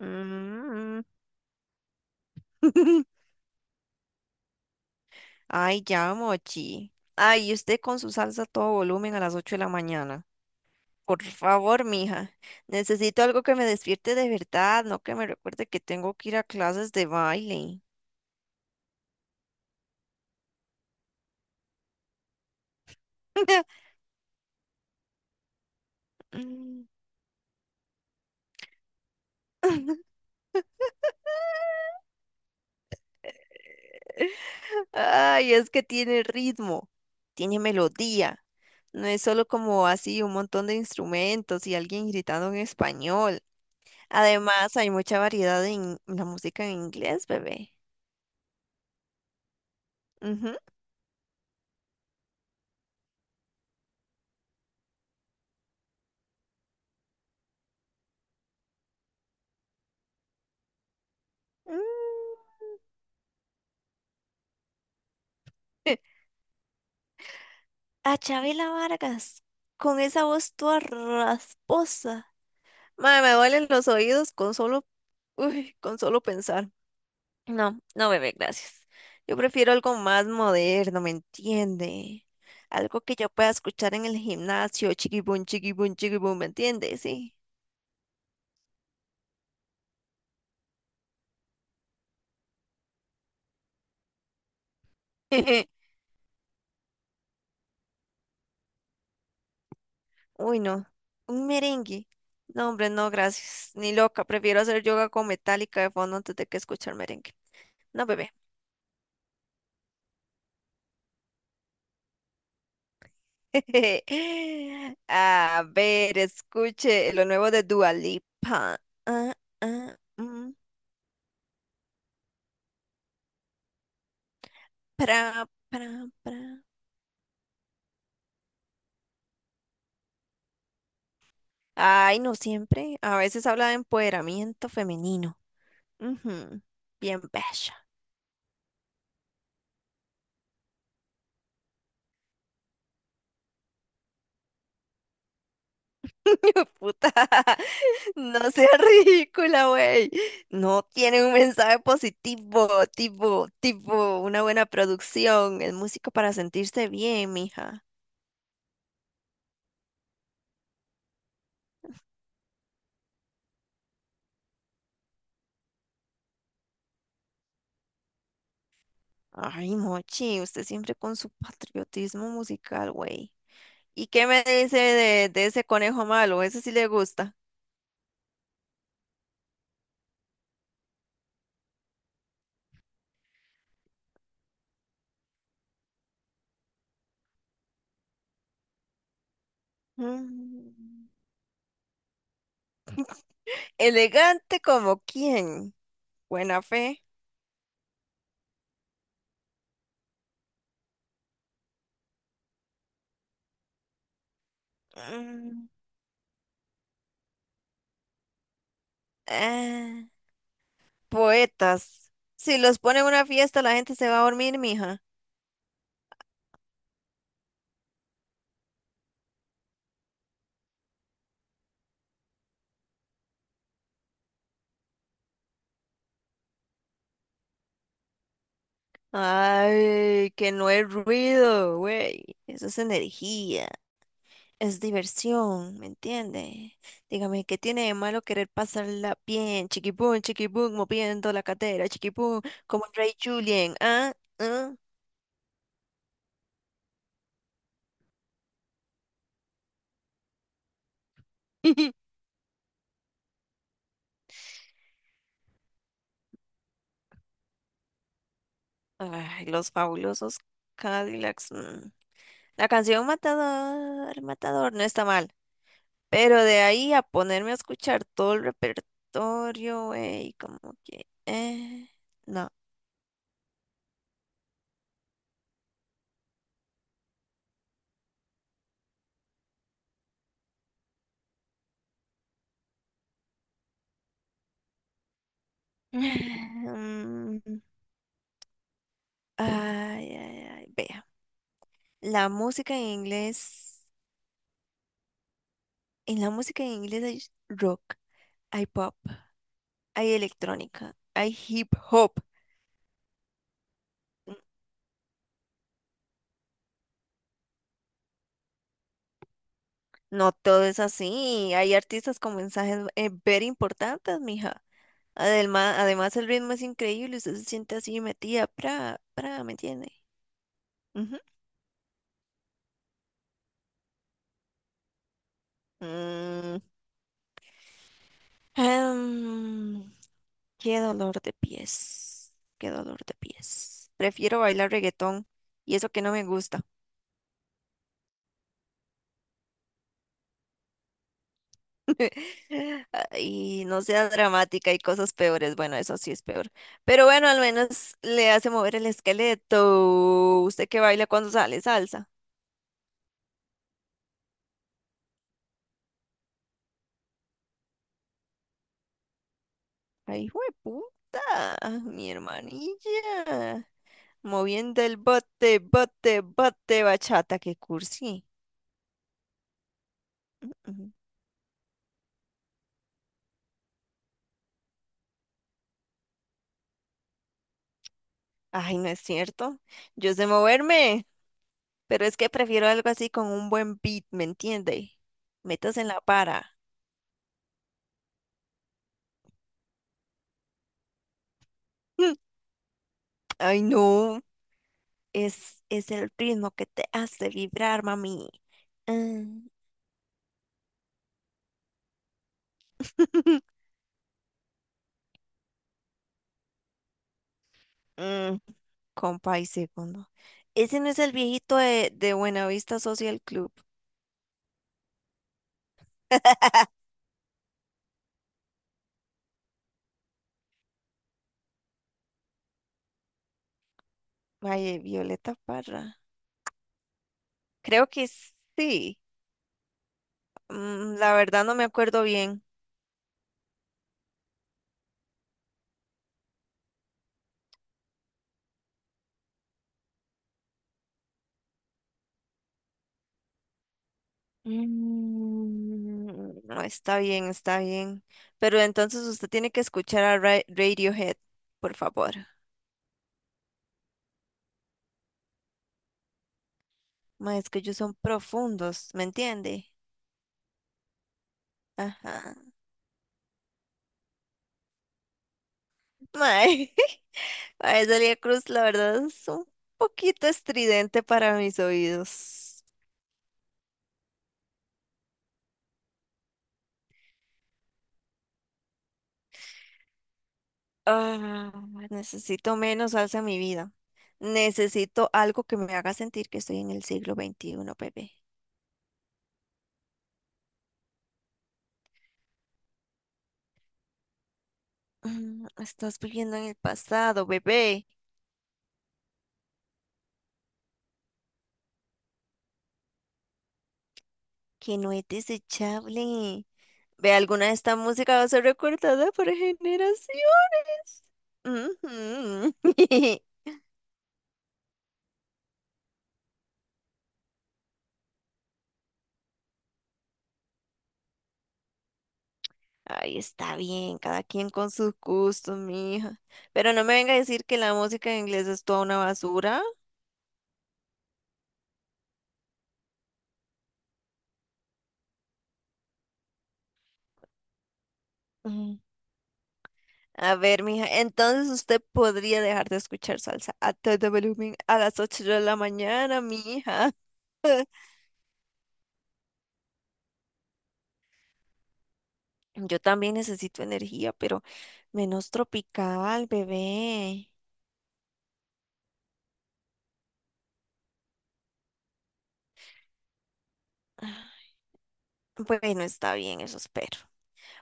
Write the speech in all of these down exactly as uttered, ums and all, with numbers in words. Mm. Ay, ya, Mochi. Ay, y usted con su salsa a todo volumen a las ocho de la mañana. Por favor, mija. Necesito algo que me despierte de verdad, no que me recuerde que tengo que ir a clases de baile. Ay, es que tiene ritmo, tiene melodía. No es solo como así un montón de instrumentos y alguien gritando en español. Además, hay mucha variedad en la música en inglés, bebé. Ujú. Mm. A Chabela Vargas, con esa voz toda rasposa. Mae, me duelen los oídos con solo, uy, con solo pensar. No, no, bebé, gracias. Yo prefiero algo más moderno, ¿me entiende? Algo que yo pueda escuchar en el gimnasio, chiquibum, chiquibum, chiquibum, ¿me entiende? Sí. Uy, no. Un merengue. No, hombre, no, gracias. Ni loca. Prefiero hacer yoga con metálica de fondo antes de que escuchar merengue. No, bebé. A ver, escuche lo nuevo de Dua Lipa. Ah, ah, mm, pra, pra, pra. Ay, no siempre. A veces habla de empoderamiento femenino. Ujú, bien bella. Puta. No sea ridícula, güey. No tiene un mensaje positivo, tipo, tipo, una buena producción. Es música para sentirse bien, mija. Ay, Mochi, usted siempre con su patriotismo musical, güey. ¿Y qué me dice de, de ese conejo malo? Ese sí le gusta. Mm. Elegante como quién. Buena fe. Mm. Ah, poetas. Si los pone en una fiesta, la gente se va a dormir, mija. Ay, que no hay ruido, güey. Eso es energía. Es diversión, ¿me entiende? Dígame, ¿qué tiene de malo querer pasarla bien? Chiquipum, chiquipum, moviendo la cadera, chiquipum, como el Rey Julien, ¿ah? ¿Ah? Ay, los fabulosos Cadillacs. Mm. La canción Matador, Matador no está mal, pero de ahí a ponerme a escuchar todo el repertorio, güey, como que, eh, no. Mm, ay, ay, ay, vea. La música en inglés. En la música en inglés hay rock, hay pop, hay electrónica, hay hip hop. No todo es así. Hay artistas con mensajes eh, ver importantes, mija. Además, además el ritmo es increíble. Usted se siente así metida, pra, pra, ¿me entiende? Ujú. Mm, em, qué dolor de pies. Qué dolor de pies. Prefiero bailar reggaetón y eso que no me gusta. Y no sea dramática, hay cosas peores. Bueno, eso sí es peor. Pero bueno, al menos le hace mover el esqueleto. ¿Usted que baila cuando sale salsa? Ay, puta, mi hermanilla. Moviendo el bote, bote, bote, bachata, qué cursi. Ujú. Ay, no es cierto. Yo sé moverme, pero es que prefiero algo así con un buen beat, ¿me entiende? Metas en la para. Ay, no. Es, es el ritmo que te hace vibrar, mami. Mm, mm, compa y segundo. Ese no es el viejito de, de Buenavista Social Club. Vaya, Violeta Parra. Creo que sí. Mm, la verdad no me acuerdo bien. Mm, no, está bien, está bien. Pero entonces usted tiene que escuchar a Ra- Radiohead, por favor. Ma, es que ellos son profundos, ¿me entiende? Ajá. Ma, ay, Celia Cruz, la verdad es un poquito estridente para mis oídos. Ah, necesito menos salsa en mi vida. Necesito algo que me haga sentir que estoy en el siglo veintiuno, bebé. Mm, estás viviendo en el pasado, bebé, que no es desechable. Ve, alguna de esta música va a ser recordada por generaciones. Ujú. Ay, está bien, cada quien con sus gustos, mi hija. Pero no me venga a decir que la música en inglés es toda una basura. Mm. A ver, mija, entonces usted podría dejar de escuchar salsa a todo volumen a las ocho de la mañana, mija. Yo también necesito energía, pero menos tropical, bebé. Bueno, está bien, eso espero.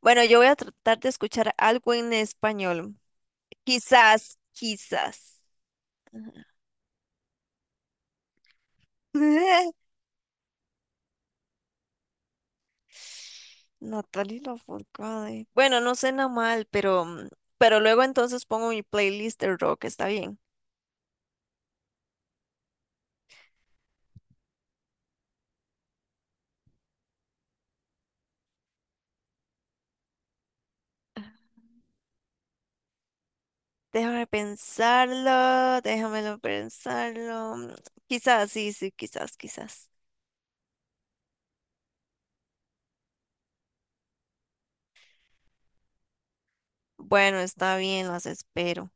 Bueno, yo voy a tratar de escuchar algo en español. Quizás, quizás. Natalie Lafourcade. Bueno, no suena mal, pero, mm, pero luego entonces pongo mi playlist de rock, está bien. Déjame pensarlo, déjamelo pensarlo. Mm, quizás, sí, sí, quizás, quizás. Bueno, está bien, las espero.